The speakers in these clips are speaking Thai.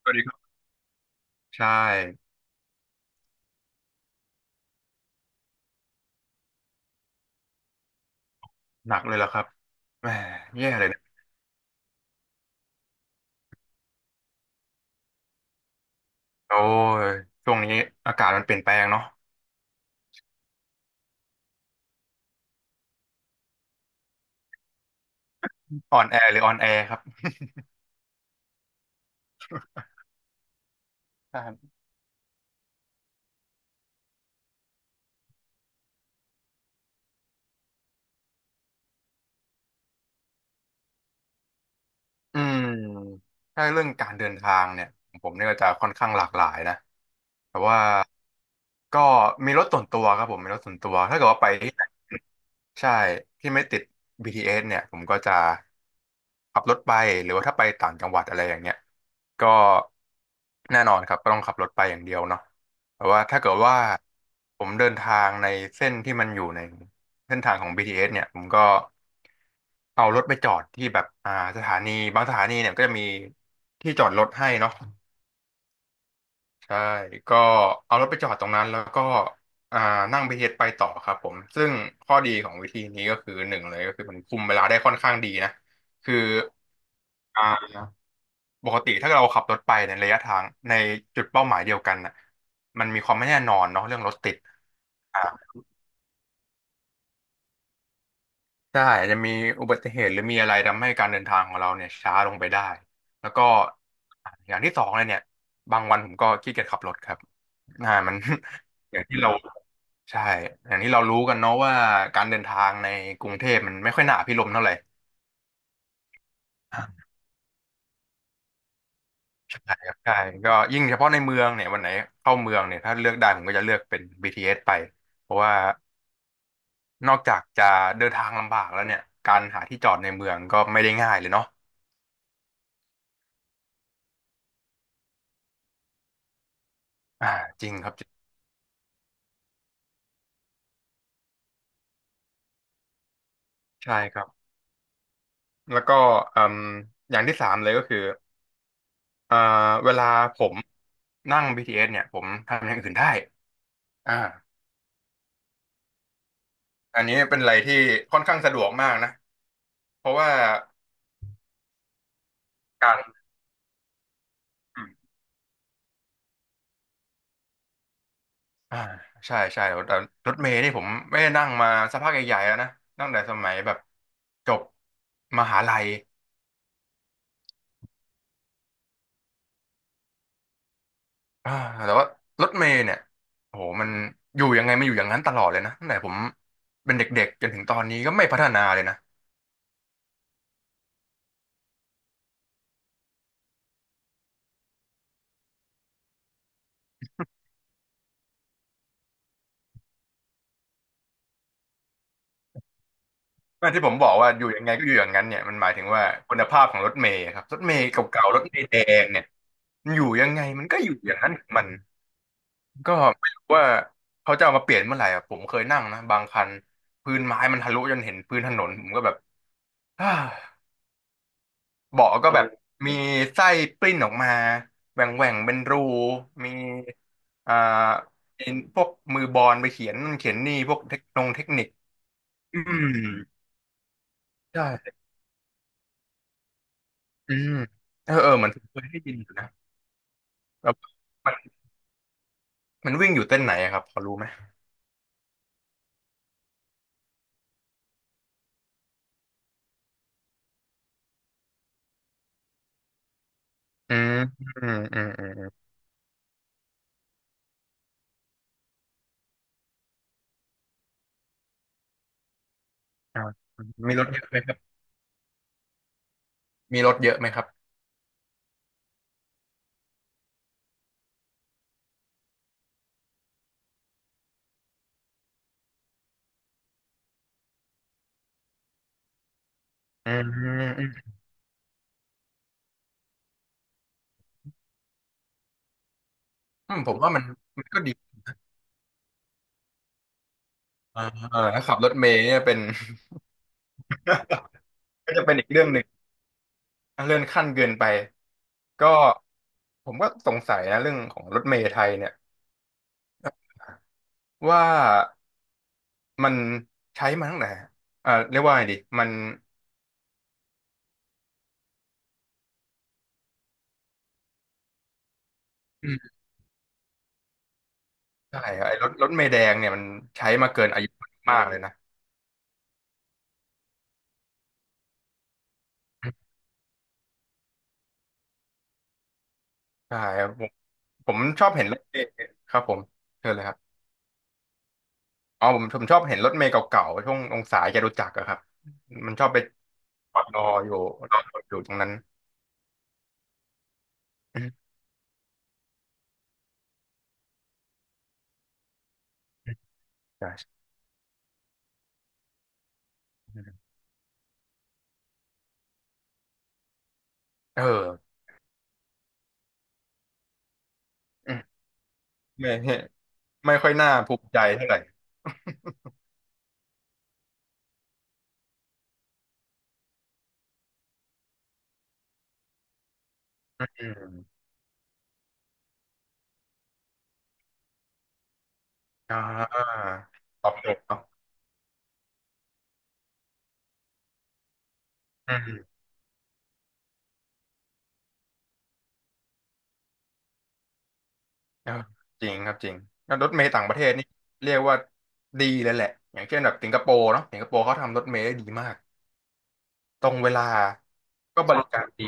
สวัสดีครับใช่หนักเลยล่ะครับแหมแย่เลยนะโอ้ยช่วงนี้อากาศมันเปลี่ยนแปลงเนาะอ่อนแอหรือออนแอครับใช่อืมถ้าเรื่องการเดินทางเนี่ยผมเนี่ยก็จะค่อนข้างหลากหลายนะแต่ว่าก็มีรถส่วนตัวครับผมมีรถส่วนตัวถ้าเกิดว่าไปที่ไหน ใช่ที่ไม่ติด BTS เอสเนี่ยผมก็จะขับรถไปหรือว่าถ้าไปต่างจังหวัดอะไรอย่างเงี้ยก็แน่นอนครับก็ต้องขับรถไปอย่างเดียวเนาะแต่ว่าถ้าเกิดว่าผมเดินทางในเส้นที่มันอยู่ในเส้นทางของ BTS เอสเนี่ยผมก็เอารถไปจอดที่แบบสถานีบางสถานีเนี่ยก็จะมีที่จอดรถให้เนาะ ใช่ก็เอารถไปจอดตรงนั้นแล้วก็อ่านั่ง BTS ไปต่อครับผมซึ่งข้อดีของวิธีนี้ก็คือหนึ่งเลยก็คือมันคุมเวลาได้ค่อนข้างดีนะคืออ่าปกติถ้าเราขับรถไปในระยะทางในจุดเป้าหมายเดียวกันน่ะมันมีความไม่แน่นอนเนาะเรื่องรถติดอ่าใช่อาจจะมีอุบัติเหตุหรือมีอะไรทำให้การเดินทางของเราเนี่ยช้าลงไปได้แล้วก็อย่างที่สองเลยเนี่ยบางวันผมก็ขี้เกียจขับรถครับมัน อย่างที่เรา ใช่อย่างที่เรารู้กันเนาะว่าการเดินทางในกรุงเทพมันไม่ค่อยหนาพิลมย์เท่าไหร่อ่าใช่ครับใช่ก็ยิ่งเฉพาะในเมืองเนี่ยวันไหนเข้าเมืองเนี่ยถ้าเลือกได้ผมก็จะเลือกเป็น BTS ไปเพราะว่านอกจากจะเดินทางลำบากแล้วเนี่ยการหาที่จอดในเมืองก็ไม่ได้ง่ายเลยเนาะอ่าจริงครับจริงใช่ครับแล้วก็อืมอย่างที่สามเลยก็คือเอ่อเวลาผมนั่ง BTS เอสเนี่ยผมทำอย่างอื่นได้อ่าอันนี้เป็นอะไรที่ค่อนข้างสะดวกมากนะเพราะว่าการ อ่าใช่แต่รถเมล์นี่ผมไม่ได้นั่งมาสักพักใหญ่ๆแล้วนะตั้งแต่สมัยแบบจบมหาลัยอ่าแต่ว่ารถเมล์เนี่ยโอ้โหมันอยู่ยังไงมันอยู่อย่างนั้นตลอดเลยนะตั้งแต่ผมเป็นเด็กๆจนถึงตอนนี้ก็ไม่พัฒนาเลยนะแต่ที่ผมบอกว่าอยู่ยังไงก็อยู่อย่างนั้นเนี่ยมันหมายถึงว่าคุณภาพของรถเมล์ครับรถเมล์เก่าๆรถเมล์แดงเนี่ยมันอยู่ยังไงมันก็อยู่อย่างนั้นของมัน ก็ไม่รู้ว่าเขาจะเอามาเปลี่ยนเมื่อไหร่อ่ะผมเคยนั่งนะบางคันพื้นไม้มันทะลุจนเห็นพื้นถนนผมก็แบบอ้าเบาะก็แบบมีไส้ปลิ้นออกมาแหว่งแหว่งเป็นรูมีอ่ามีพวกมือบอลไปเขียนนั่นเขียนนี่พวกเทคโนงเทคนิคอืมใช่อืมเออเออเหมือนผมเคยได้ยินอยู่นะแบบมันมันวิ่งอยู่เส้นไหนอะครับพอรู้ไหมอืมอืมอืมอืมอืมอ่ามีรถเยอะไหมครับมีรถเยอะไหมครับอืม ผมว่ามันก็ดีอ่าเออถ้าขับรถเมล์เนี่ยเป็น ก็จะเป็นอีกเรื่องหนึ่งเรื่องขั้นเกินไปก็ผมก็สงสัยนะเรื่องของรถเมล์ไทยเนี่ยว่ามันใช้มาตั้งแต่เรียกว่าไงดีมันอืมใช่ครับไอ้รถรถเมล์แดงเนี่ยมันใช้มาเกินอายุมากเลยนะใช่ครับผมชอบเห็นรถเมล์ครับผมเชิญเลยครับอ๋อผมชอบเห็นรถเมล์เก่าๆช่วงองศายจตุจักรอะครับมันชอบไปจอดรออยู่รออยู่ตรงนั้น อืมใช่เอออืมไม่ไม่ค่อยน่าภูมิใจเท่าไหร่อืมอ่าตอบโจทย์เนาะอืมเออจริงครับจริงแล้วรถเมล์ต่างประเทศนี่เรียกว่าดีเลยแหละอย่างเช่นแบบสิงคโปร์เนาะสิงคโปร์เขาทำรถเมล์ได้ดีมากตรงเวลาก็บริการดี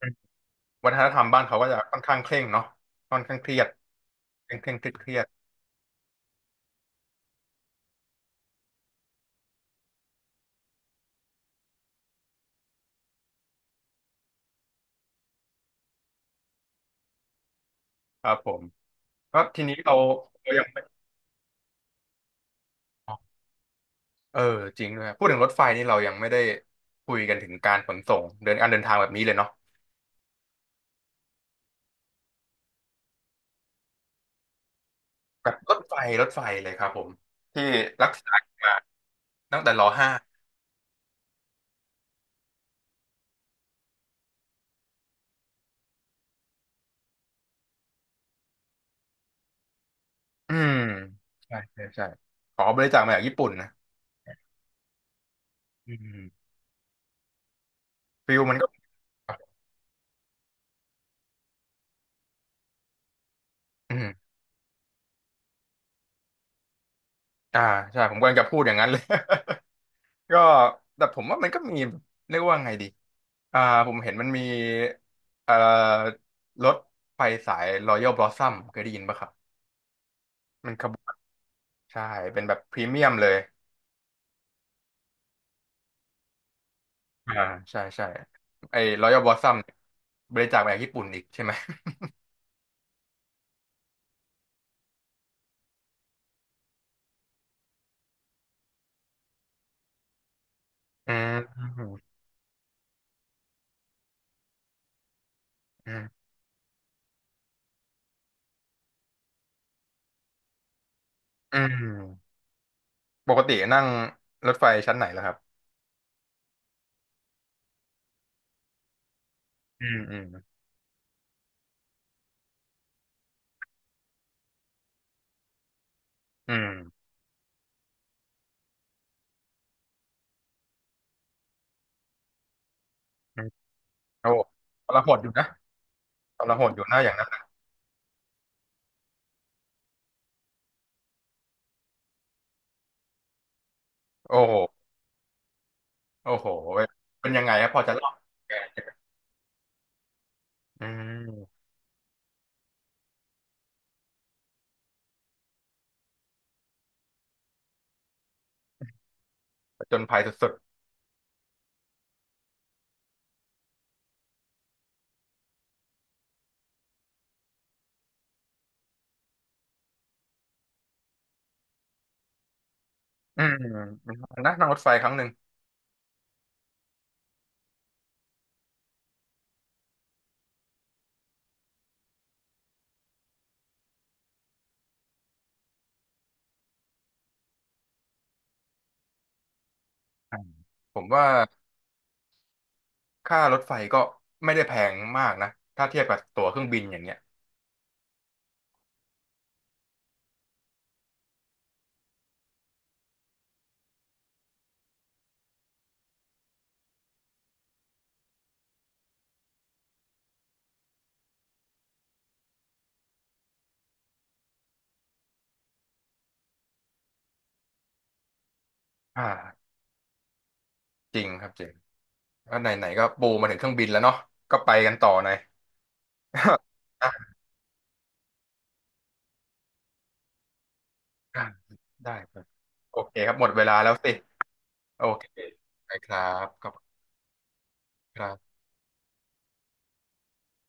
อืมวัฒนธรรมบ้านเขาก็จะค่อนข้างเคร่งเนาะค่อนข้างเครียดเคร่งเคร่งเครียดเครียดครับผมก็ทีนี้เราเรายังไม่ เออจริงด้วยครับพูดถึงรถไฟนี่เรายังไม่ได้คุยกันถึงการขนส่งเดินการเดินทางแบบนี้เลยเนาะกับรถไฟรถไฟเลยครับผมที่รักษากันมาตั้งแต่รห้าอืมใช่ใช่ใช่ขอบริจาคมาจากญี่ปุ่นนะอืมฟิลมันก็อืมอ่าใช่ผมกำลังจะพูดอย่างนั้นเลย ก็แต่ผมว่ามันก็มีเรียกว่าไงดีอ่าผมเห็นมันมีเอ่อรถไฟสาย Royal Blossom เคยได้ยินปะครับมันขบวนใช่เป็นแบบพรีเมียมเลย อ่าใช่ใช่ไอ้ Royal Blossom เนี่ยบริจาคมาจากญี่ปุ่นอีกใช่ไหม อืมอืมอืมปกตินั่งรถไฟชั้นไหนล่ะครับอืมอืมอืมอืมโอ้ทรหดอยู่นะทรหดอยู่นะอย่างนั้นโอ้โหโอ้โหเว้ยเป็นยังไงครับพอจะเล่าแกอืมผจญภัยสุดๆนะนั่งรถไฟครั้งหนึ่งอืมผมว่าค่ารถไฟก็ไม่ได้แพงมากนะถ้าเทียบกับตั๋วเครื่องบินอย่างเงี้ยอ่าจริงครับจริง ก็ไหนไหนก็ปูมาถึงเครื่องบินแล้วเนาะก็ไปกันต่อหน่อย อ่ะได้ครับโอเคครับหมดเวลาแล้วสิโอเคไปครับขอบคุณครับ